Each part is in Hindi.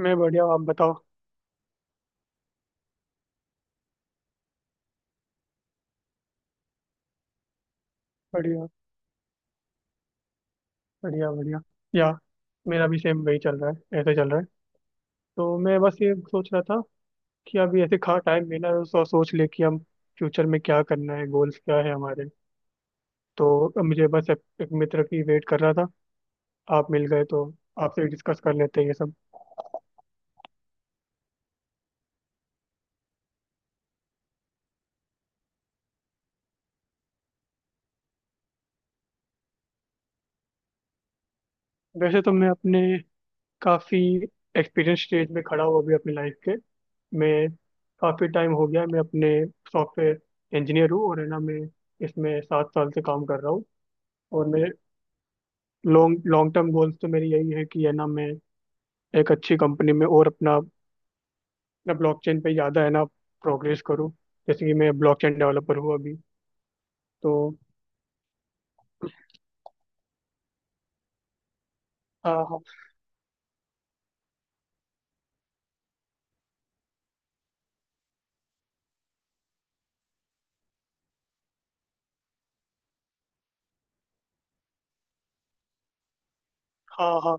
मैं बढ़िया हूँ, आप बताओ। बढ़िया, बढ़िया, बढ़िया। या। मेरा भी सेम वही चल रहा है, ऐसे चल रहा है। तो मैं बस ये सोच रहा था कि अभी ऐसे खा टाइम मिला है तो सोच ले कि हम फ्यूचर में क्या करना है, गोल्स क्या है हमारे। तो अब मुझे बस एक मित्र की वेट कर रहा था। आप मिल गए तो आपसे डिस्कस कर लेते हैं ये सब। वैसे तो मैं अपने काफ़ी एक्सपीरियंस स्टेज में खड़ा हूँ अभी अपनी लाइफ के। मैं काफ़ी टाइम हो गया, मैं अपने सॉफ्टवेयर इंजीनियर हूँ, और है ना मैं इसमें 7 साल से काम कर रहा हूँ। और मेरे लॉन्ग लॉन्ग टर्म गोल्स तो मेरी यही है कि है ना मैं एक अच्छी कंपनी में और अपना अपना ब्लॉकचेन पे ज़्यादा है ना प्रोग्रेस करूँ। जैसे कि मैं ब्लॉकचेन डेवलपर हूँ अभी तो। हाँ, हाँ, हाँ, हाँ,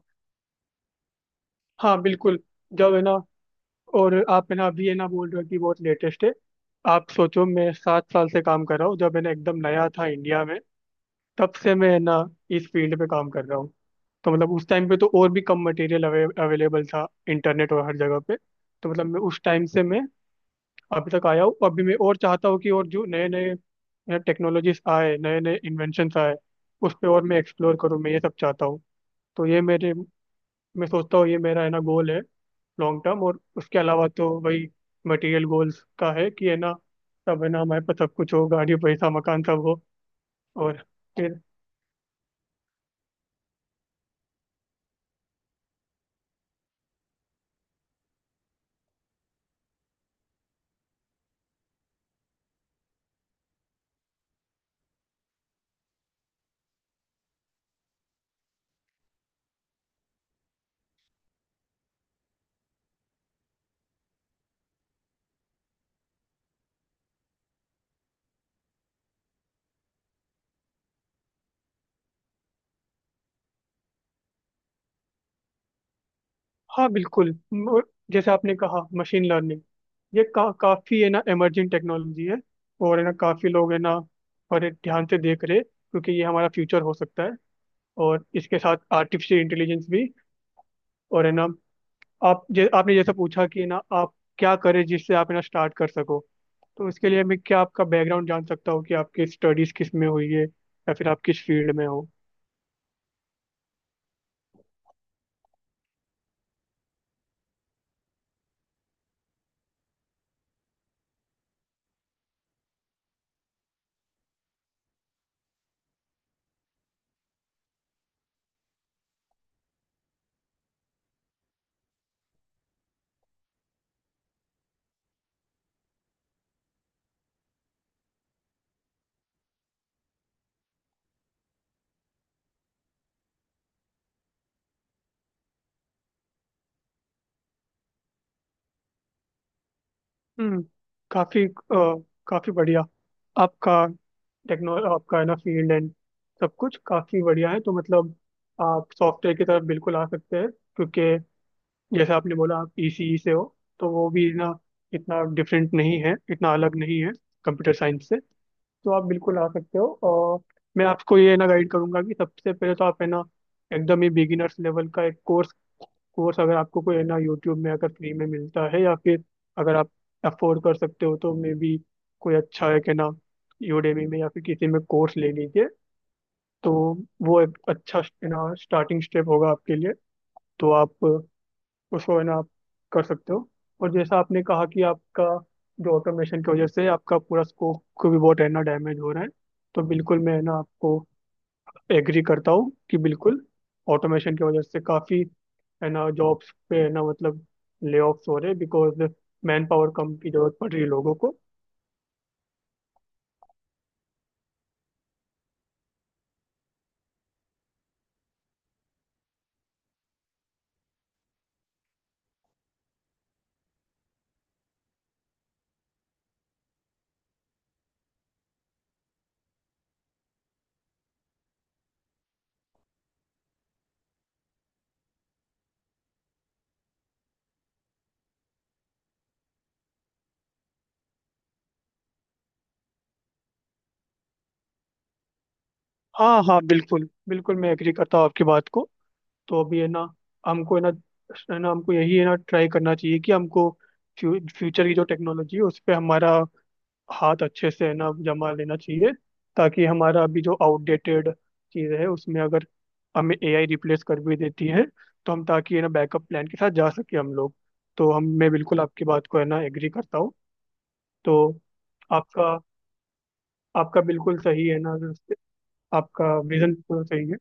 हाँ, बिल्कुल। जब है ना और आप है ना अभी है ना बोल रहे हो कि बहुत लेटेस्ट है। आप सोचो, मैं 7 साल से काम कर रहा हूँ, जब है ना एकदम नया था इंडिया में। तब से मैं है ना इस फील्ड पे काम कर रहा हूँ। तो मतलब उस टाइम पे तो और भी कम मटेरियल अवेलेबल था, इंटरनेट और हर जगह पे। तो मतलब मैं उस टाइम से मैं अभी तक आया हूँ। अभी मैं और चाहता हूँ कि और जो नए नए टेक्नोलॉजीज आए, नए नए इन्वेंशंस आए, उस पर और मैं एक्सप्लोर करूँ, मैं ये सब चाहता हूँ। तो ये मेरे, मैं सोचता हूँ ये मेरा है ना गोल है, लॉन्ग टर्म। और उसके अलावा तो वही मटेरियल गोल्स का है कि है ना सब है ना हमारे पास सब कुछ हो, गाड़ी पैसा मकान सब हो। और फिर। हाँ, बिल्कुल। जैसे आपने कहा, मशीन लर्निंग ये काफी है ना इमर्जिंग टेक्नोलॉजी है। और है ना काफी लोग है ना और ये ध्यान से देख रहे, क्योंकि ये हमारा फ्यूचर हो सकता है। और इसके साथ आर्टिफिशियल इंटेलिजेंस भी। और है ना आपने जैसा पूछा कि ना आप क्या करें जिससे आप है ना स्टार्ट कर सको। तो इसके लिए मैं क्या आपका बैकग्राउंड जान सकता हूँ कि आपकी स्टडीज किस में हुई है या फिर आप किस फील्ड में हो। हम्म। काफी अ, काफी बढ़िया। आपका आपका है ना फील्ड एंड सब कुछ काफी बढ़िया है। तो मतलब आप सॉफ्टवेयर की तरफ बिल्कुल आ सकते हैं। क्योंकि जैसे आपने बोला आप ईसीई से हो, तो वो भी ना इतना डिफरेंट नहीं है, इतना अलग नहीं है कंप्यूटर साइंस से। तो आप बिल्कुल आ सकते हो। और मैं आपको ये ना गाइड करूंगा कि सबसे पहले तो आप है ना एकदम ही बिगिनर्स लेवल का एक कोर्स कोर्स अगर आपको कोई है ना यूट्यूब में अगर फ्री में मिलता है या फिर अगर आप अफोर्ड कर सकते हो तो मे बी कोई अच्छा है कि ना यूडेमी में या फिर किसी में कोर्स ले लीजिए। तो वो एक अच्छा है ना स्टार्टिंग स्टेप होगा आपके लिए। तो आप उसको है ना आप कर सकते हो। और जैसा आपने कहा कि आपका जो ऑटोमेशन की वजह से आपका पूरा स्कोप को भी बहुत है ना डैमेज हो रहा है। तो बिल्कुल मैं है ना आपको एग्री करता हूँ कि बिल्कुल ऑटोमेशन की वजह से काफ़ी है ना जॉब्स पे है ना मतलब ले ऑफ्स हो रहे, बिकॉज मैन पावर कम की जरूरत पड़ रही है लोगों को। हाँ, हाँ, बिल्कुल, बिल्कुल, मैं एग्री करता हूँ आपकी बात को। तो अभी है ना हमको है ना हमको यही है ना ट्राई करना चाहिए कि हमको फ्यूचर की जो टेक्नोलॉजी है उस पर हमारा हाथ अच्छे से है ना जमा लेना चाहिए। ताकि हमारा अभी जो आउटडेटेड चीज़ है उसमें अगर हमें एआई रिप्लेस कर भी देती है, तो हम ताकि है ना बैकअप प्लान के साथ जा सके हम लोग। तो हम मैं बिल्कुल आपकी बात को है ना एग्री करता हूँ। तो आपका आपका बिल्कुल सही है ना, आपका विजन बिल्कुल सही है।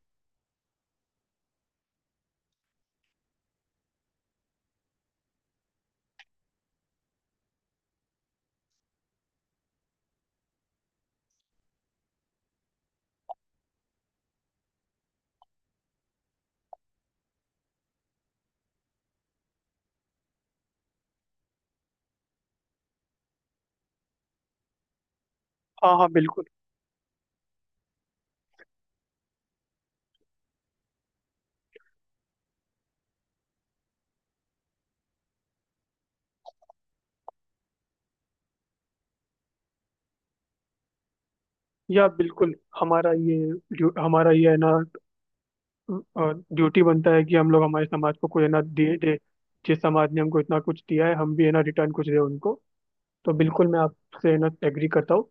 हाँ, हाँ, बिल्कुल। या, बिल्कुल। हमारा ये है ना ड्यूटी बनता है कि हम लोग हमारे समाज को कोई है ना दे दे। जिस समाज ने हमको इतना कुछ दिया है हम भी है ना रिटर्न कुछ दे उनको। तो बिल्कुल मैं आपसे है ना एग्री करता हूँ।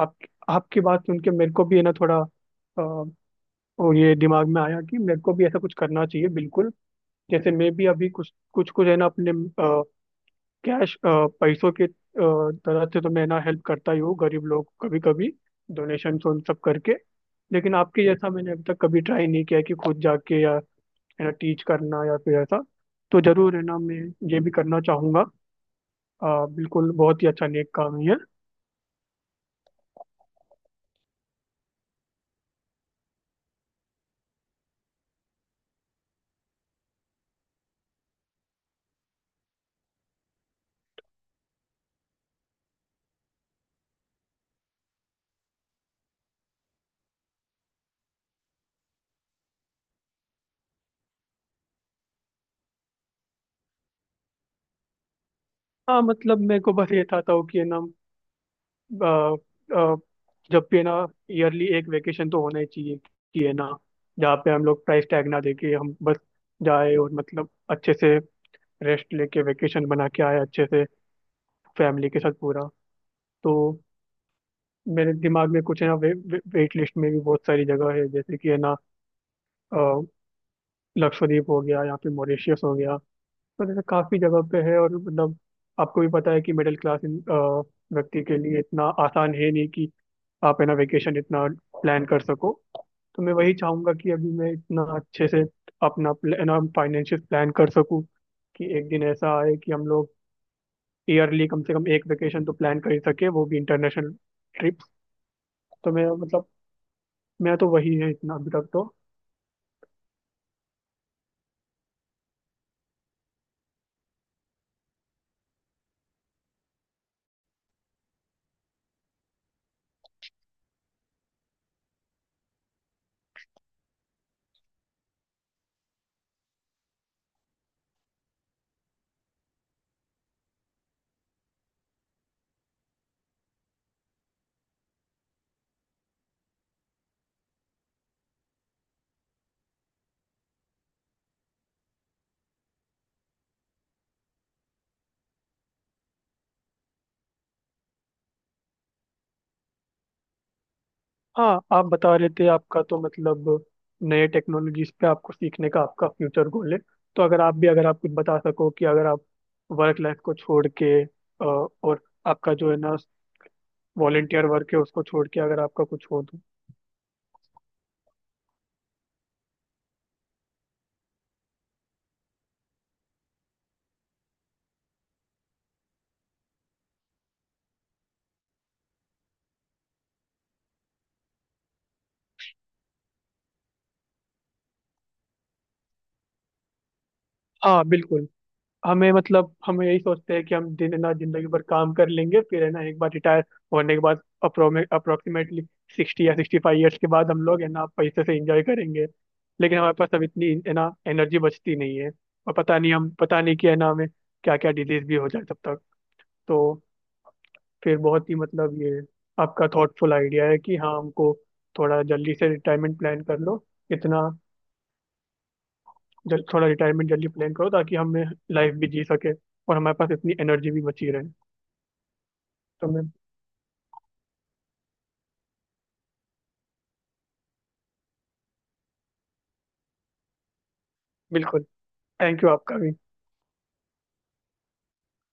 आप आपकी बात सुन के मेरे को भी है ना थोड़ा वो ये दिमाग में आया कि मेरे को भी ऐसा कुछ करना चाहिए बिल्कुल। जैसे मैं भी अभी कुछ कुछ कुछ है ना अपने कैश पैसों के तरह से तो मैं ना हेल्प करता ही हूँ गरीब लोग कभी कभी डोनेशन उन सब करके। लेकिन आपके जैसा मैंने अब तक कभी ट्राई नहीं किया कि खुद जाके या है ना टीच करना या फिर ऐसा। तो जरूर है ना मैं ये भी करना चाहूंगा। बिल्कुल बहुत ही अच्छा नेक काम है ये। हाँ, मतलब मेरे को बस ये था कि है ना अ, अ, जब भी है ना ईयरली एक वेकेशन तो होना ही चाहिए कि है ना जहाँ पे हम लोग प्राइस टैग ना देके हम बस जाए और मतलब अच्छे से रेस्ट लेके वेकेशन बना के आए अच्छे से फैमिली के साथ पूरा। तो मेरे दिमाग में कुछ है ना वे, वे, वेट लिस्ट में भी बहुत सारी जगह है, जैसे कि है ना अ, लक्षद्वीप हो गया या फिर मॉरिशियस हो गया। तो जैसे काफी जगह पे है और मतलब आपको भी पता है कि मिडिल क्लास व्यक्ति के लिए इतना आसान है नहीं कि आप है ना वेकेशन इतना प्लान कर सको। तो मैं वही चाहूंगा कि अभी मैं इतना अच्छे से अपना है ना फाइनेंशियल प्लान कर सकूं कि एक दिन ऐसा आए कि हम लोग ईयरली कम से कम एक वेकेशन तो प्लान कर ही सके, वो भी इंटरनेशनल ट्रिप। तो मैं मतलब मैं तो वही है इतना अभी तक तो। हाँ, आप बता रहे थे आपका तो मतलब नए टेक्नोलॉजीज पे आपको सीखने का आपका फ्यूचर गोल है। तो अगर आप कुछ बता सको कि अगर आप वर्क लाइफ को छोड़ के और आपका जो है ना वॉलेंटियर वर्क है उसको छोड़ के अगर आपका कुछ हो तो। हाँ, बिल्कुल। हमें मतलब हम यही सोचते हैं कि हम दिन है ना जिंदगी भर काम कर लेंगे फिर है ना एक बार रिटायर होने के बाद अप्रोक्सीमेटली 60 या 65 ईयर्स के बाद हम लोग है ना पैसे से एंजॉय करेंगे। लेकिन हमारे पास अब इतनी है ना एनर्जी बचती नहीं है। और पता नहीं कि है ना हमें क्या क्या डिजीज भी हो जाए तब तक। तो फिर बहुत ही मतलब ये आपका थॉटफुल आइडिया है कि हाँ, हमको थोड़ा जल्दी से रिटायरमेंट प्लान कर लो। इतना थोड़ा रिटायरमेंट जल्दी प्लान करो ताकि हमें लाइफ भी जी सके और हमारे पास इतनी एनर्जी भी बची रहे। तो मैं बिल्कुल, थैंक यू आपका भी।